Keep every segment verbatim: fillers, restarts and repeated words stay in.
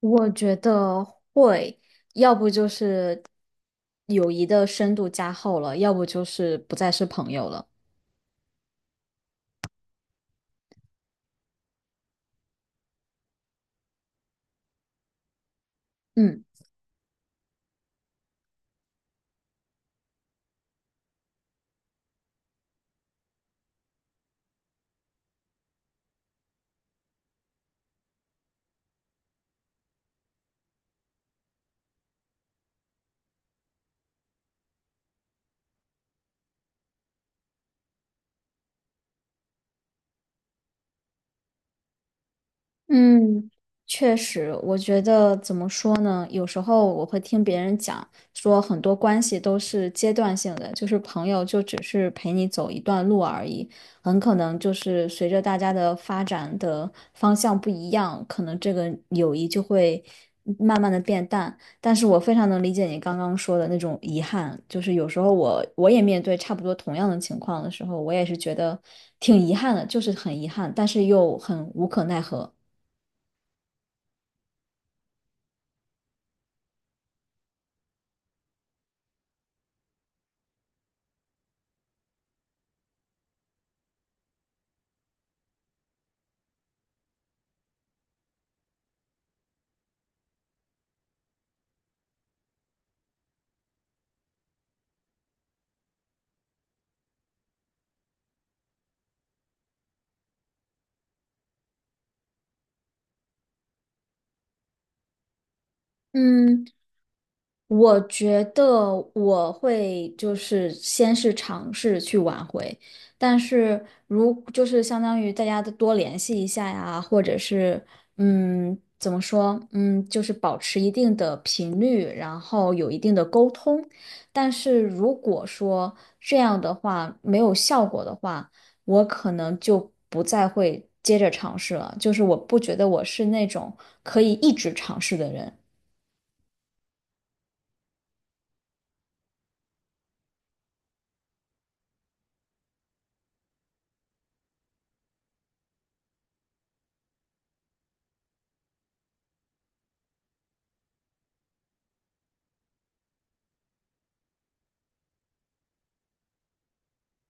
我觉得会，要不就是友谊的深度加厚了，要不就是不再是朋友了。嗯。嗯，确实，我觉得怎么说呢？有时候我会听别人讲，说很多关系都是阶段性的，就是朋友就只是陪你走一段路而已，很可能就是随着大家的发展的方向不一样，可能这个友谊就会慢慢的变淡。但是我非常能理解你刚刚说的那种遗憾，就是有时候我我也面对差不多同样的情况的时候，我也是觉得挺遗憾的，就是很遗憾，但是又很无可奈何。嗯，我觉得我会就是先是尝试去挽回，但是如就是相当于大家都多联系一下呀，或者是嗯怎么说嗯就是保持一定的频率，然后有一定的沟通。但是如果说这样的话没有效果的话，我可能就不再会接着尝试了。就是我不觉得我是那种可以一直尝试的人。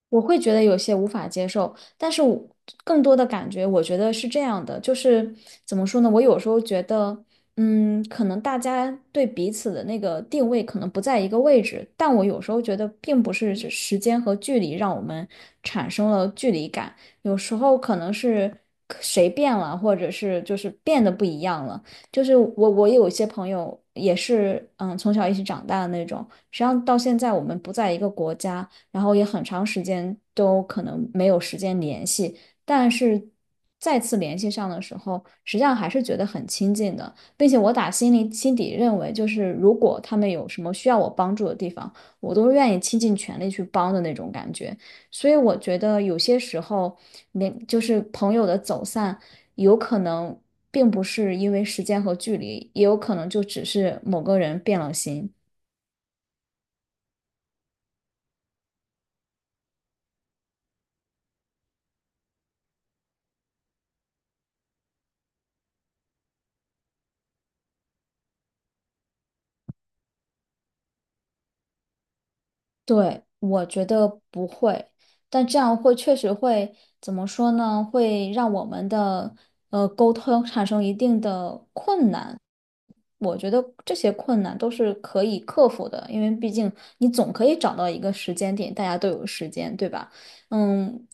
我会觉得有些无法接受，但是我更多的感觉，我觉得是这样的，就是怎么说呢？我有时候觉得，嗯，可能大家对彼此的那个定位可能不在一个位置，但我有时候觉得，并不是这时间和距离让我们产生了距离感，有时候可能是谁变了，或者是就是变得不一样了。就是我，我有一些朋友也是，嗯，从小一起长大的那种，实际上到现在我们不在一个国家。然后也很长时间都可能没有时间联系，但是再次联系上的时候，实际上还是觉得很亲近的，并且我打心里心底认为，就是如果他们有什么需要我帮助的地方，我都是愿意倾尽全力去帮的那种感觉。所以我觉得有些时候，连就是朋友的走散，有可能并不是因为时间和距离，也有可能就只是某个人变了心。对，我觉得不会，但这样会确实会怎么说呢？会让我们的呃沟通产生一定的困难。我觉得这些困难都是可以克服的，因为毕竟你总可以找到一个时间点，大家都有时间，对吧？嗯，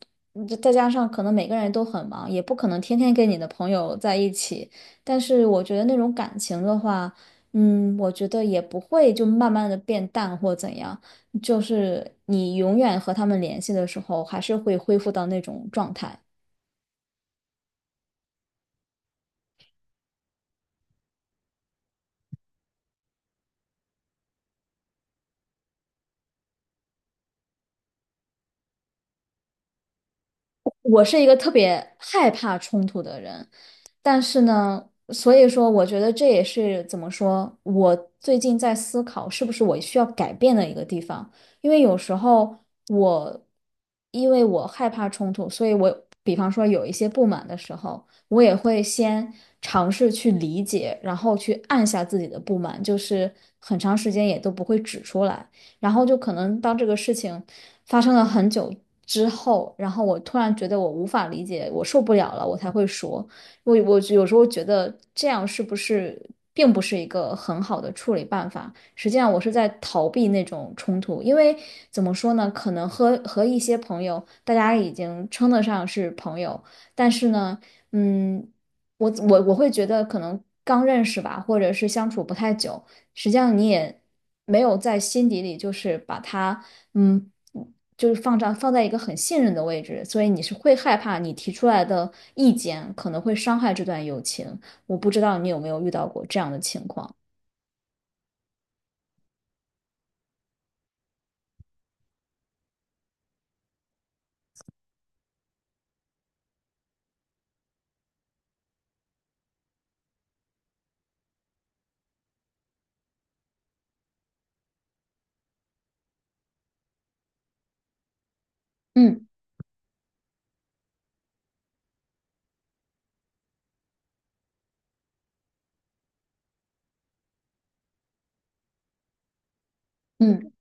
这再加上可能每个人都很忙，也不可能天天跟你的朋友在一起。但是我觉得那种感情的话，嗯，我觉得也不会就慢慢的变淡或怎样。就是你永远和他们联系的时候，还是会恢复到那种状态。我是一个特别害怕冲突的人，但是呢，所以说我觉得这也是怎么说，我最近在思考是不是我需要改变的一个地方，因为有时候我因为我害怕冲突，所以我比方说有一些不满的时候，我也会先尝试去理解，然后去按下自己的不满，就是很长时间也都不会指出来。然后就可能当这个事情发生了很久之后，然后我突然觉得我无法理解，我受不了了，我才会说。我我有时候觉得这样是不是并不是一个很好的处理办法？实际上我是在逃避那种冲突，因为怎么说呢，可能和和一些朋友，大家已经称得上是朋友，但是呢，嗯，我我我会觉得可能刚认识吧，或者是相处不太久。实际上你也没有在心底里就是把他，嗯，就是放在放在一个很信任的位置，所以你是会害怕你提出来的意见可能会伤害这段友情。我不知道你有没有遇到过这样的情况。嗯嗯，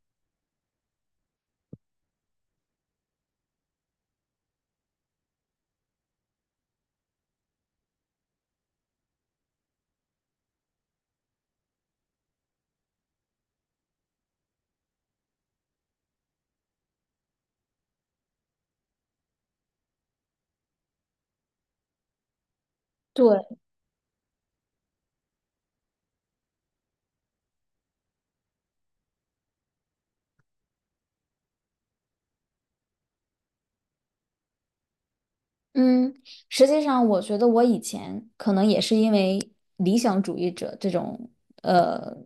对，嗯，实际上，我觉得我以前可能也是因为理想主义者这种呃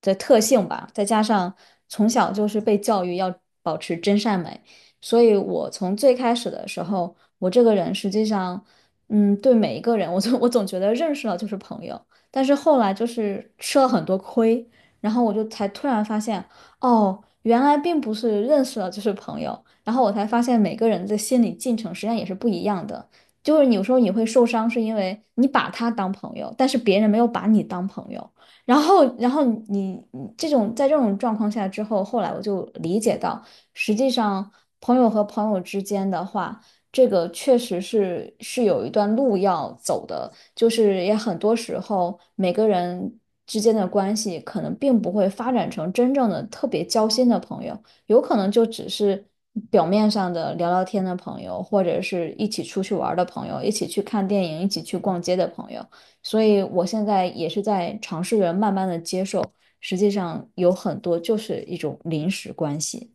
的特性吧，再加上从小就是被教育要保持真善美，所以我从最开始的时候，我这个人实际上，嗯，对每一个人，我就我总觉得认识了就是朋友，但是后来就是吃了很多亏，然后我就才突然发现。哦，原来并不是认识了就是朋友，然后我才发现每个人的心理进程实际上也是不一样的。就是你有时候你会受伤，是因为你把他当朋友，但是别人没有把你当朋友。然后，然后你你这种在这种状况下之后，后来我就理解到，实际上朋友和朋友之间的话，这个确实是是有一段路要走的。就是也很多时候每个人之间的关系可能并不会发展成真正的特别交心的朋友，有可能就只是表面上的聊聊天的朋友，或者是一起出去玩儿的朋友，一起去看电影，一起去逛街的朋友。所以我现在也是在尝试着慢慢的接受，实际上有很多就是一种临时关系。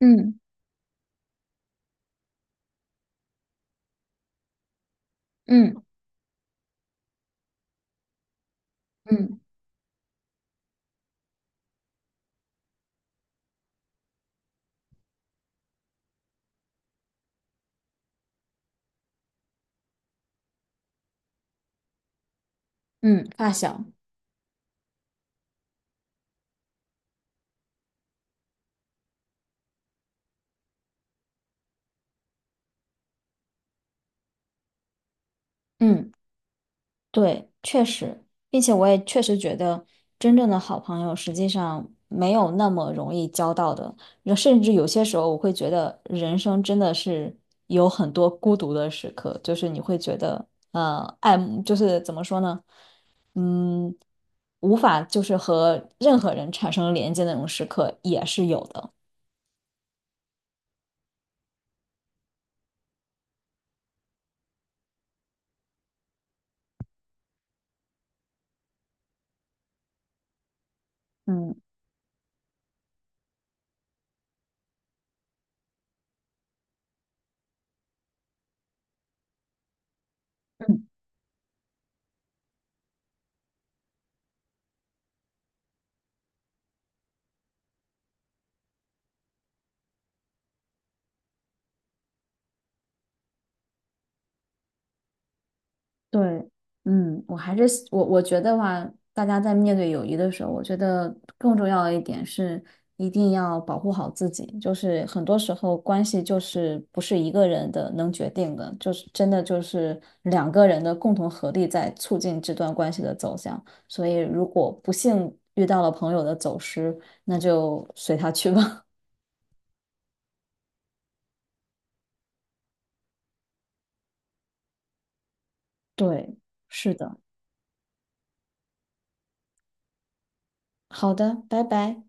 嗯嗯嗯嗯，发小，嗯。对，确实，并且我也确实觉得，真正的好朋友实际上没有那么容易交到的，那甚至有些时候我会觉得人生真的是有很多孤独的时刻，就是你会觉得，呃，爱慕就是怎么说呢，嗯，无法就是和任何人产生连接的那种时刻也是有的，嗯。对，嗯，我还是我我觉得话，大家在面对友谊的时候，我觉得更重要的一点是，一定要保护好自己。就是很多时候关系就是不是一个人的能决定的，就是真的就是两个人的共同合力在促进这段关系的走向。所以，如果不幸遇到了朋友的走失，那就随他去吧。对，是的，好的，拜拜。